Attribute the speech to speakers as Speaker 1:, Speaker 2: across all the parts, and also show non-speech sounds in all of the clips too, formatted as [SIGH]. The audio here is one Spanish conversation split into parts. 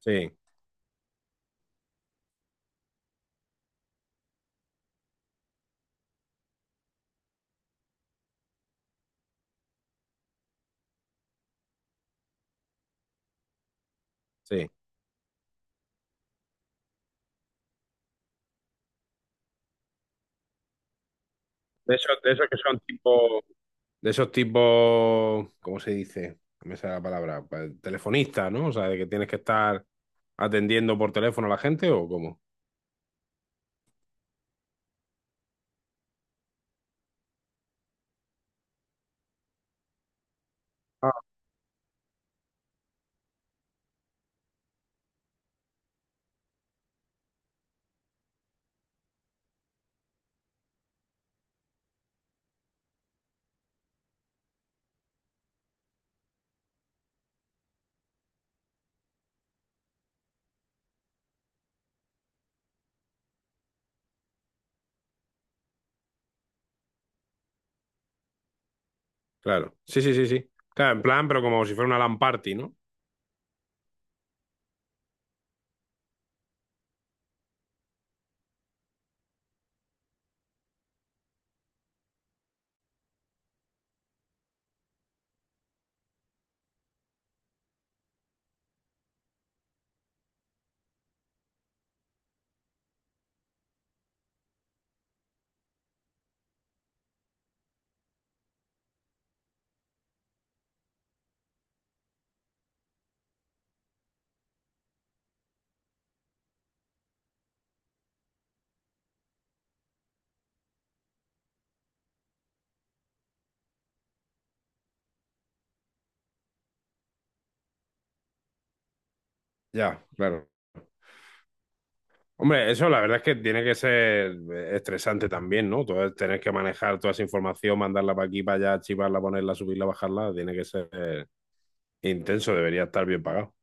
Speaker 1: Sí, sí. De esos que son tipo, de esos tipos, ¿cómo se dice? No me sale la palabra, pa- telefonista, ¿no? O sea, de que tienes que estar atendiendo por teléfono a la gente o cómo. Ah. Claro, sí, sí, sí, sí. Claro, en plan, pero como si fuera una LAN party, ¿no? Ya, claro. Hombre, eso la verdad es que tiene que ser estresante también, ¿no? Todo, tener que manejar toda esa información, mandarla para aquí, para allá, archivarla, ponerla, subirla, bajarla, tiene que ser intenso, debería estar bien pagado.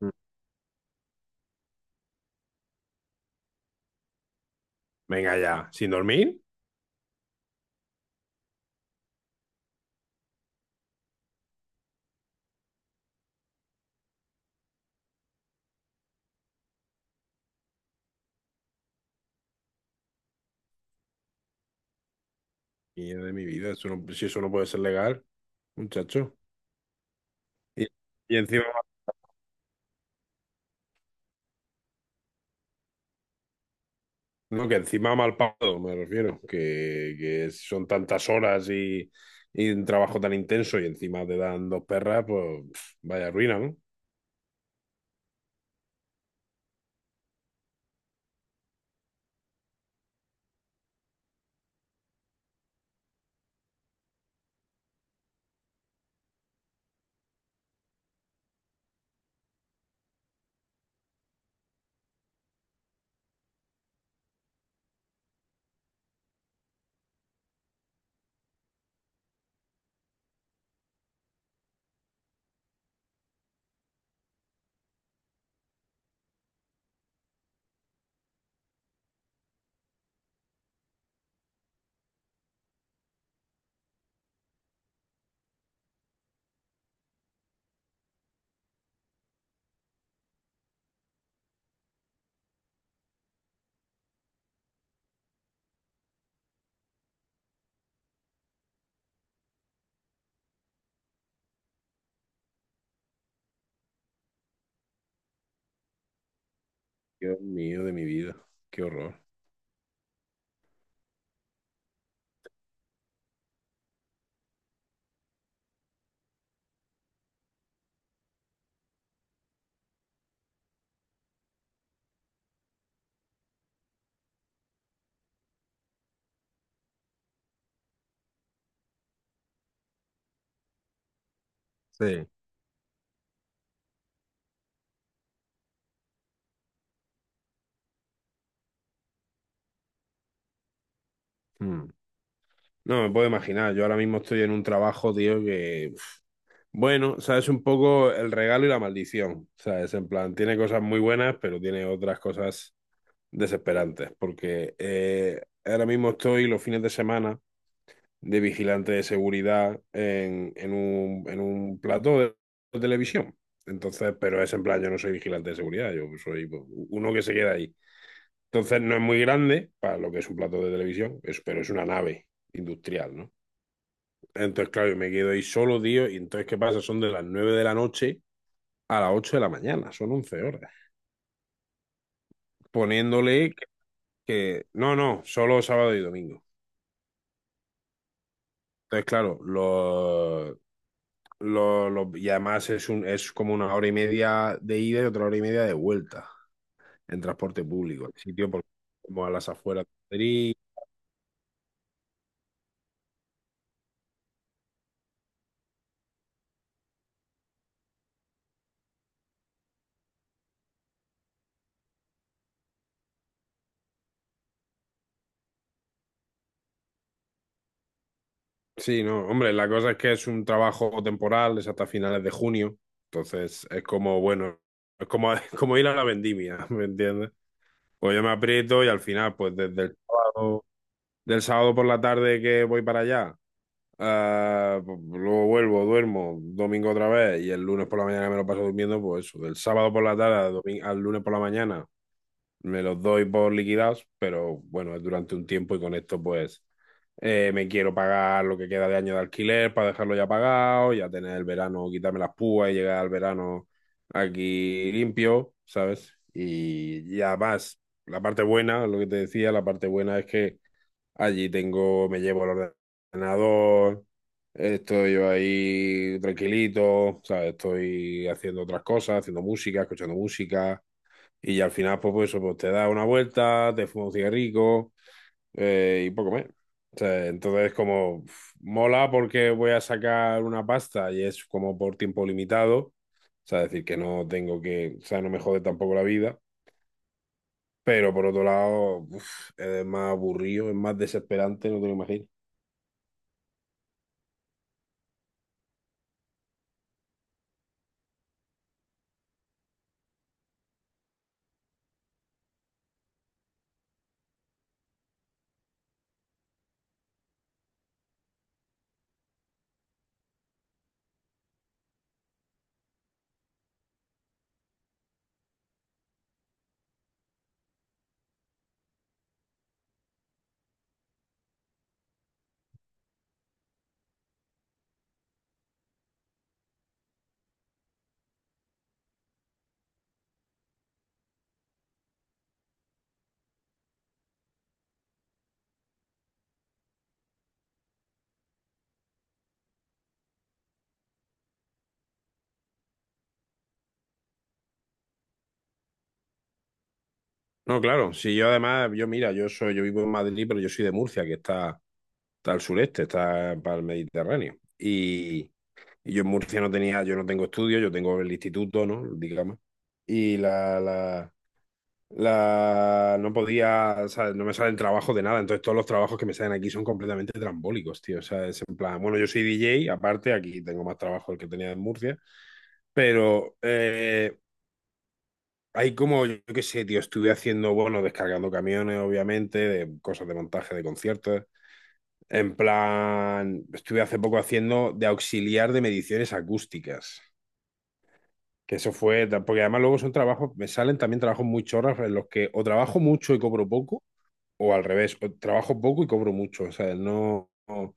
Speaker 1: Mm. Venga ya, ¿sin dormir? Y de mi vida, eso no- si eso no puede ser legal, muchacho. Y, y encima, no, que encima mal pagado, me refiero, que son tantas horas y un trabajo tan intenso y encima te dan dos perras, pues pf, vaya ruina, ¿no? Dios mío de mi vida, qué horror. Sí. Mm. No, me puedo imaginar, yo ahora mismo estoy en un trabajo, tío, que, pf, bueno, sabes, un poco el regalo y la maldición, sabes, en plan, tiene cosas muy buenas, pero tiene otras cosas desesperantes, porque ahora mismo estoy los fines de semana de vigilante de seguridad en un, en un plató de televisión. Entonces, pero es en plan, yo no soy vigilante de seguridad, yo soy pues, uno que se queda ahí. Entonces, no es muy grande para lo que es un plató de televisión, es- pero es una nave industrial, ¿no? Entonces, claro, yo me quedo ahí solo, tío, y entonces, ¿qué pasa? Son de las 9 de la noche a las 8 de la mañana, son 11 horas, poniéndole que- no, no, solo sábado y domingo. Entonces, claro, y además es un, es como una hora y media de ida y otra hora y media de vuelta en transporte público. El sitio por- como a las afueras de Madrid. Sí, no, hombre, la cosa es que es un trabajo temporal, es hasta finales de junio. Entonces, es como, bueno, es como, [LAUGHS] es como ir a la vendimia, ¿me entiendes? Pues yo me aprieto y al final, pues desde el sábado, del sábado por la tarde que voy para allá. Ah, pues, luego vuelvo, duermo domingo otra vez y el lunes por la mañana me lo paso durmiendo, pues eso, del sábado por la tarde al, domi- al lunes por la mañana me los doy por liquidados, pero bueno, es durante un tiempo y con esto pues me quiero pagar lo que queda de año de alquiler para dejarlo ya pagado, ya tener el verano, quitarme las púas y llegar al verano aquí limpio, ¿sabes? Y además, la parte buena, lo que te decía, la parte buena es que allí tengo, me llevo el ordenador, estoy ahí tranquilito, ¿sabes? Estoy haciendo otras cosas, haciendo música, escuchando música, y al final, pues, pues eso, pues te das una vuelta, te fumas un cigarrillo y poco más. O sea, entonces, como uf, mola porque voy a sacar una pasta y es como por tiempo limitado, o sea, es decir, que no tengo que, o sea, no me jode tampoco la vida, pero por otro lado, uf, es más aburrido, es más desesperante, no te lo imaginas. No, claro, si yo además, yo mira, yo soy, yo vivo en Madrid, pero yo soy de Murcia, que está, está al sureste, está para el Mediterráneo. Y yo en Murcia no tenía, yo no tengo estudios, yo tengo el instituto, ¿no? Digamos. Y no podía, o sea, no me salen trabajos de nada. Entonces todos los trabajos que me salen aquí son completamente trambólicos, tío. O sea, es en plan, bueno, yo soy DJ, aparte, aquí tengo más trabajo del que tenía en Murcia. Pero hay como, yo qué sé, tío, estuve haciendo, bueno, descargando camiones, obviamente, de cosas de montaje de conciertos. En plan, estuve hace poco haciendo de auxiliar de mediciones acústicas. Que eso fue, porque además luego son trabajos, me salen también trabajos muy chorras en los que o trabajo mucho y cobro poco, o al revés, o trabajo poco y cobro mucho. O sea, no, no,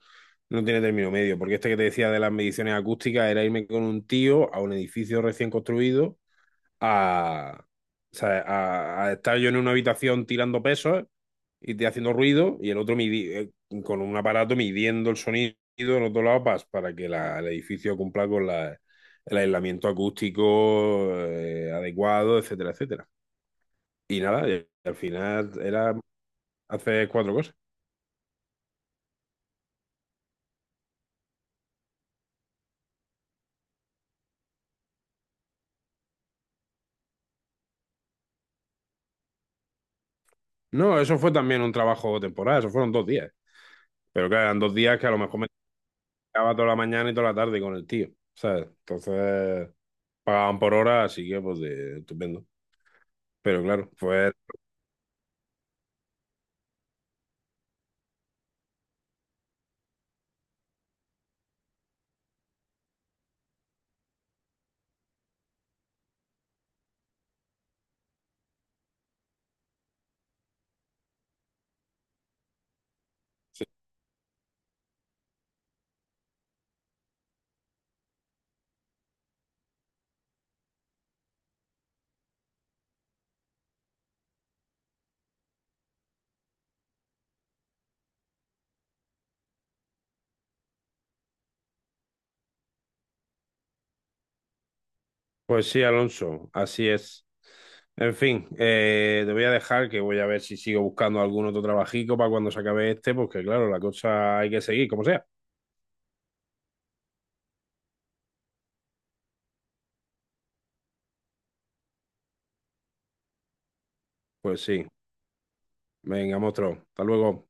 Speaker 1: no tiene término medio, porque este que te decía de las mediciones acústicas era irme con un tío a un edificio recién construido a, o sea, a estar yo en una habitación tirando pesos y te haciendo ruido y el otro midi- con un aparato midiendo el sonido en otro lado pa- para que la- el edificio cumpla con la- el aislamiento acústico adecuado, etcétera, etcétera. Y nada, y al final era hacer cuatro cosas. No, eso fue también un trabajo temporal, eso fueron dos días. Pero claro, eran dos días que a lo mejor me quedaba toda la mañana y toda la tarde con el tío, ¿sabes? Entonces... pagaban por hora, así que pues de- estupendo. Pero claro, pues, pues sí, Alonso, así es. En fin, te voy a dejar que voy a ver si sigo buscando algún otro trabajico para cuando se acabe este, porque claro, la cosa hay que seguir, como sea. Pues sí, venga, monstruo, hasta luego.